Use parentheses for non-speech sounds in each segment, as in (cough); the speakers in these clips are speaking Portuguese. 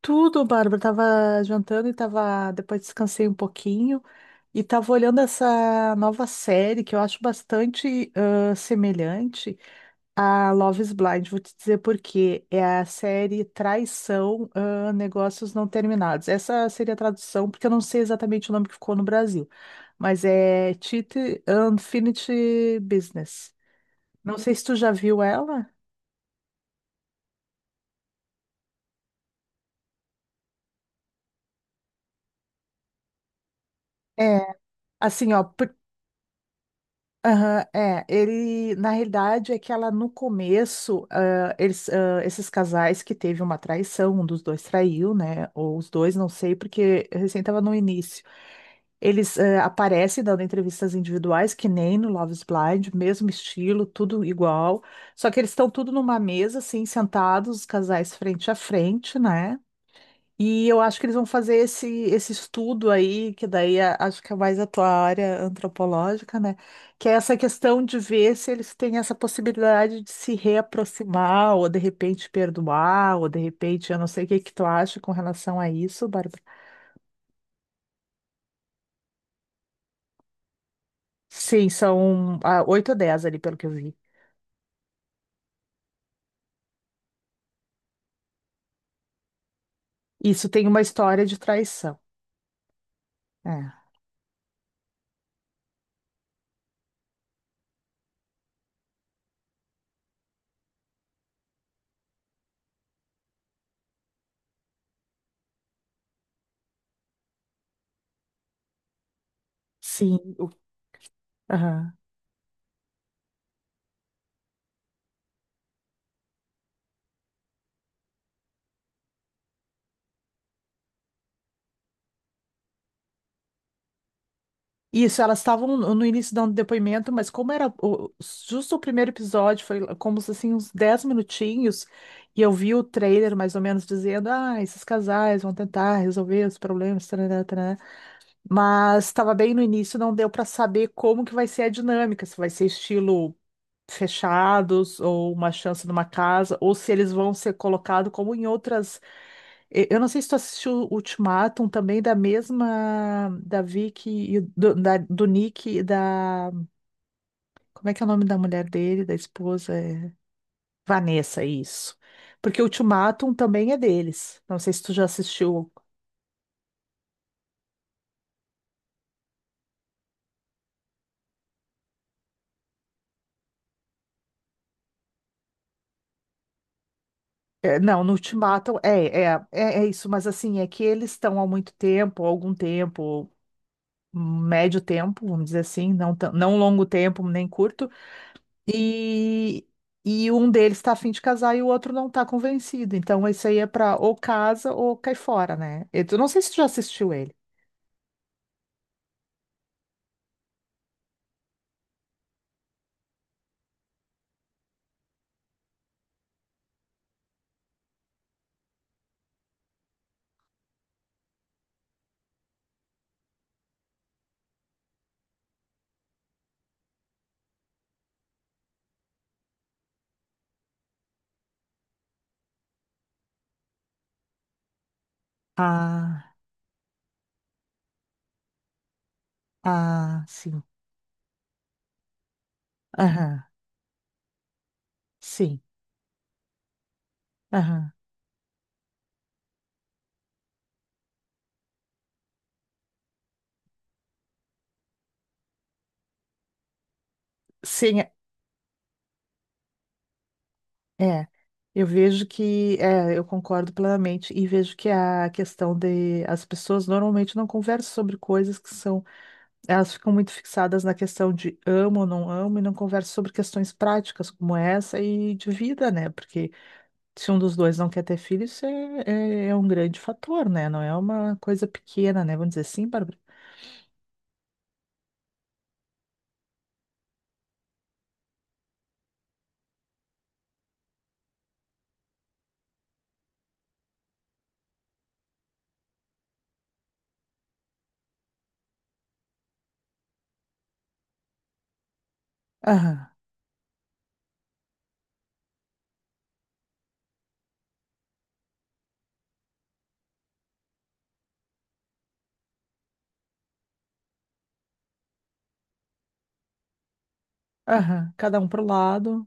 Tudo, Bárbara. Tava jantando e tava. Depois descansei um pouquinho e tava olhando essa nova série que eu acho bastante semelhante a Love is Blind. Vou te dizer por quê. É a série Traição, Negócios Não Terminados. Essa seria a tradução, porque eu não sei exatamente o nome que ficou no Brasil, mas é Cheat Unfinished Business. Não sei se tu já viu ela. É, assim, ó. Aham, é, ele, na realidade, é que ela no começo, eles, esses casais que teve uma traição, um dos dois traiu, né, ou os dois, não sei, porque recém estava no início, eles aparecem dando entrevistas individuais, que nem no Love is Blind, mesmo estilo, tudo igual, só que eles estão tudo numa mesa, assim, sentados, os casais frente a frente, né, e eu acho que eles vão fazer esse estudo aí, que daí acho que é mais a tua área antropológica, né? Que é essa questão de ver se eles têm essa possibilidade de se reaproximar, ou de repente perdoar, ou de repente, eu não sei o que que tu acha com relação a isso, Bárbara. Sim, são 8 ou 10 ali, pelo que eu vi. Isso tem uma história de traição. É. Sim. Aham. Isso, elas estavam no início dando depoimento, mas como era justo o primeiro episódio, foi como se, assim uns 10 minutinhos, e eu vi o trailer mais ou menos dizendo, esses casais vão tentar resolver os problemas, tarará, tarará. Mas estava bem no início, não deu para saber como que vai ser a dinâmica, se vai ser estilo fechados ou uma chance numa casa, ou se eles vão ser colocados como em outras. Eu não sei se tu assistiu Ultimatum também da mesma da Vicky e do Nick e da, como é que é o nome da mulher dele, da esposa? É Vanessa, isso. Porque o Ultimatum também é deles. Não sei se tu já assistiu. É, não, no Ultimatum é isso, mas assim, é que eles estão há muito tempo, há algum tempo, médio tempo, vamos dizer assim, não, não longo tempo, nem curto, e, e um deles está a fim de casar e o outro não está convencido. Então, isso aí é para ou casa ou cai fora, né? Não sei se tu já assistiu ele. Ah, ah, sim. Aham, sim. Aham. Sim, é, eu vejo que, é, eu concordo plenamente e vejo que a questão de as pessoas normalmente não conversam sobre coisas que são, elas ficam muito fixadas na questão de amo ou não amo e não conversam sobre questões práticas como essa e de vida, né? Porque se um dos dois não quer ter filho, isso é um grande fator, né? Não é uma coisa pequena, né? Vamos dizer assim, Bárbara? Aham, aham, cada um pro lado,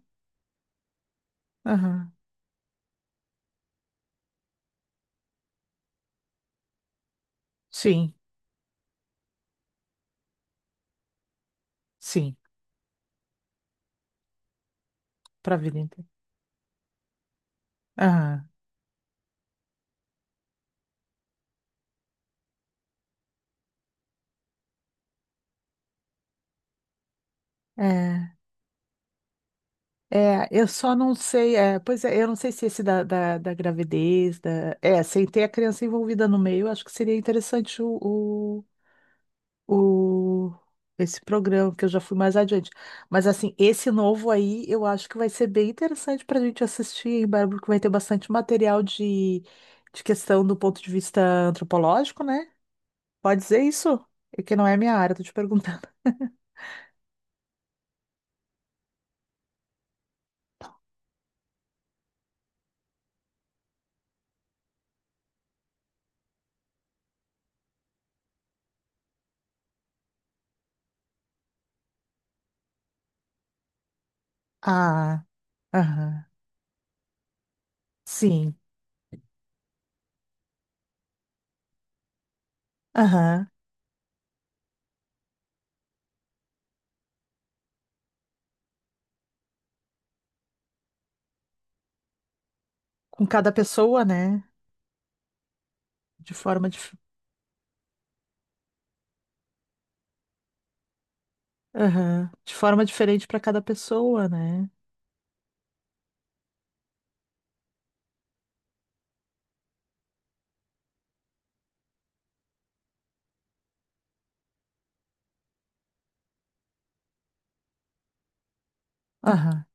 aham, sim, sim, pra vida inteira. Aham, é. É, eu só não sei, é, pois é, eu não sei se esse da gravidez, da, é, sem ter a criança envolvida no meio, eu acho que seria interessante o, o- esse programa, que eu já fui mais adiante. Mas assim, esse novo aí, eu acho que vai ser bem interessante para a gente assistir, hein, Bárbara, porque vai ter bastante material de questão do ponto de vista antropológico, né? Pode dizer isso? É que não é minha área, tô te perguntando. Ah, aham, sim, aham, com cada pessoa, né? de forma dif... aham, de forma diferente para cada pessoa, né? Aham,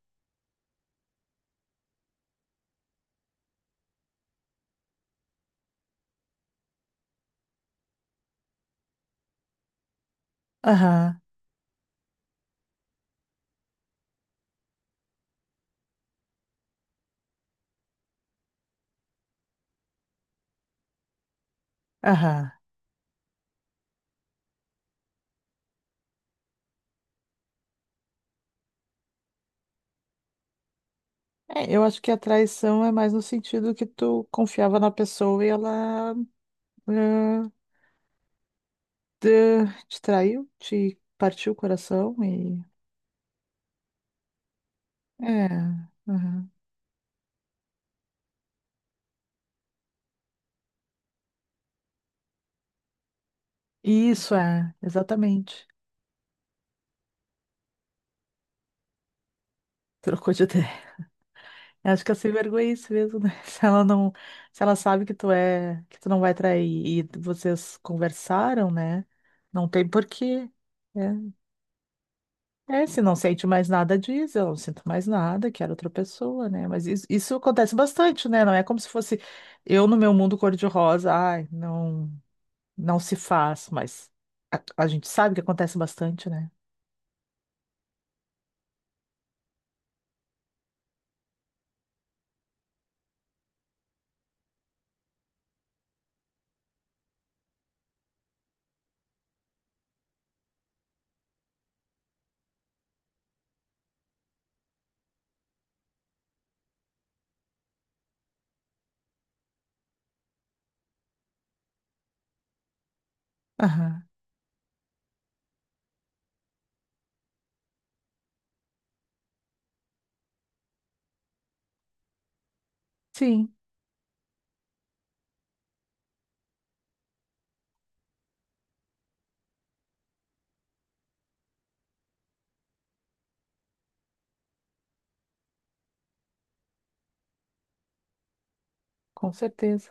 aham, aham. É, eu acho que a traição é mais no sentido que tu confiava na pessoa e ela ah, te, te traiu, te partiu o coração e é, aham. Isso é, exatamente. Trocou de ideia. Eu acho que a sem vergonha é isso mesmo, né? (laughs) Se ela sabe que tu não vai trair e vocês conversaram, né? Não tem porquê, né? É, se não sente mais nada, diz, eu não sinto mais nada, quero outra pessoa, né? Mas isso acontece bastante, né? Não é como se fosse eu no meu mundo cor-de-rosa, ai, não, não se faz, mas a gente sabe que acontece bastante, né? Aham. Sim, com certeza,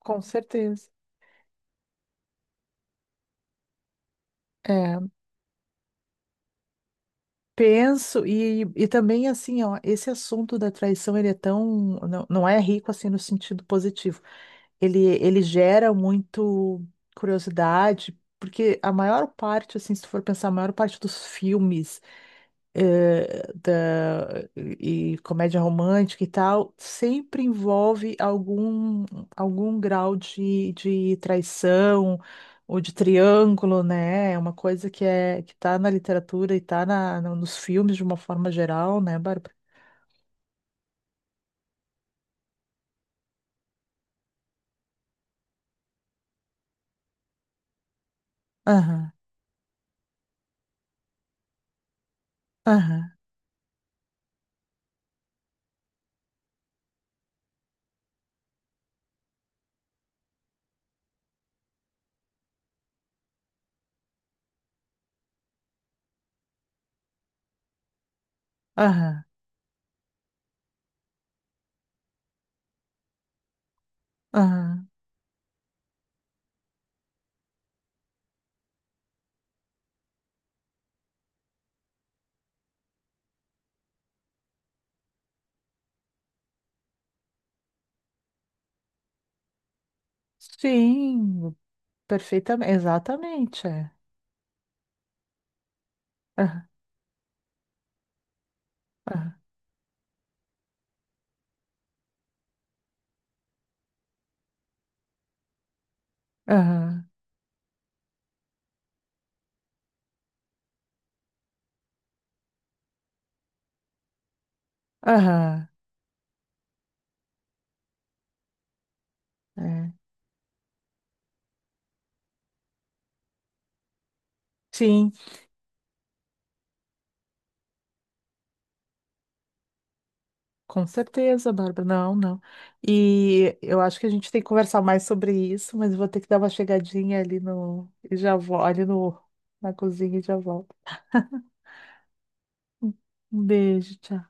com certeza. É, penso, e também assim, ó, esse assunto da traição, ele é tão, não, não é rico assim no sentido positivo. Ele gera muito curiosidade, porque a maior parte, assim, se tu for pensar, a maior parte dos filmes eh, da, e comédia romântica e tal, sempre envolve algum grau de traição ou de triângulo, né? É uma coisa que é que tá na literatura e tá na, no- nos filmes de uma forma geral, né, Bárbara? Aham, aham, aham, aham. Sim, perfeitamente, exatamente, é. Aham, aham, aham, aham, é. Sim, com certeza, Bárbara. Não, não. E eu acho que a gente tem que conversar mais sobre isso, mas eu vou ter que dar uma chegadinha ali no, e já vou, ali no, na cozinha e já volto. Um um beijo, tchau.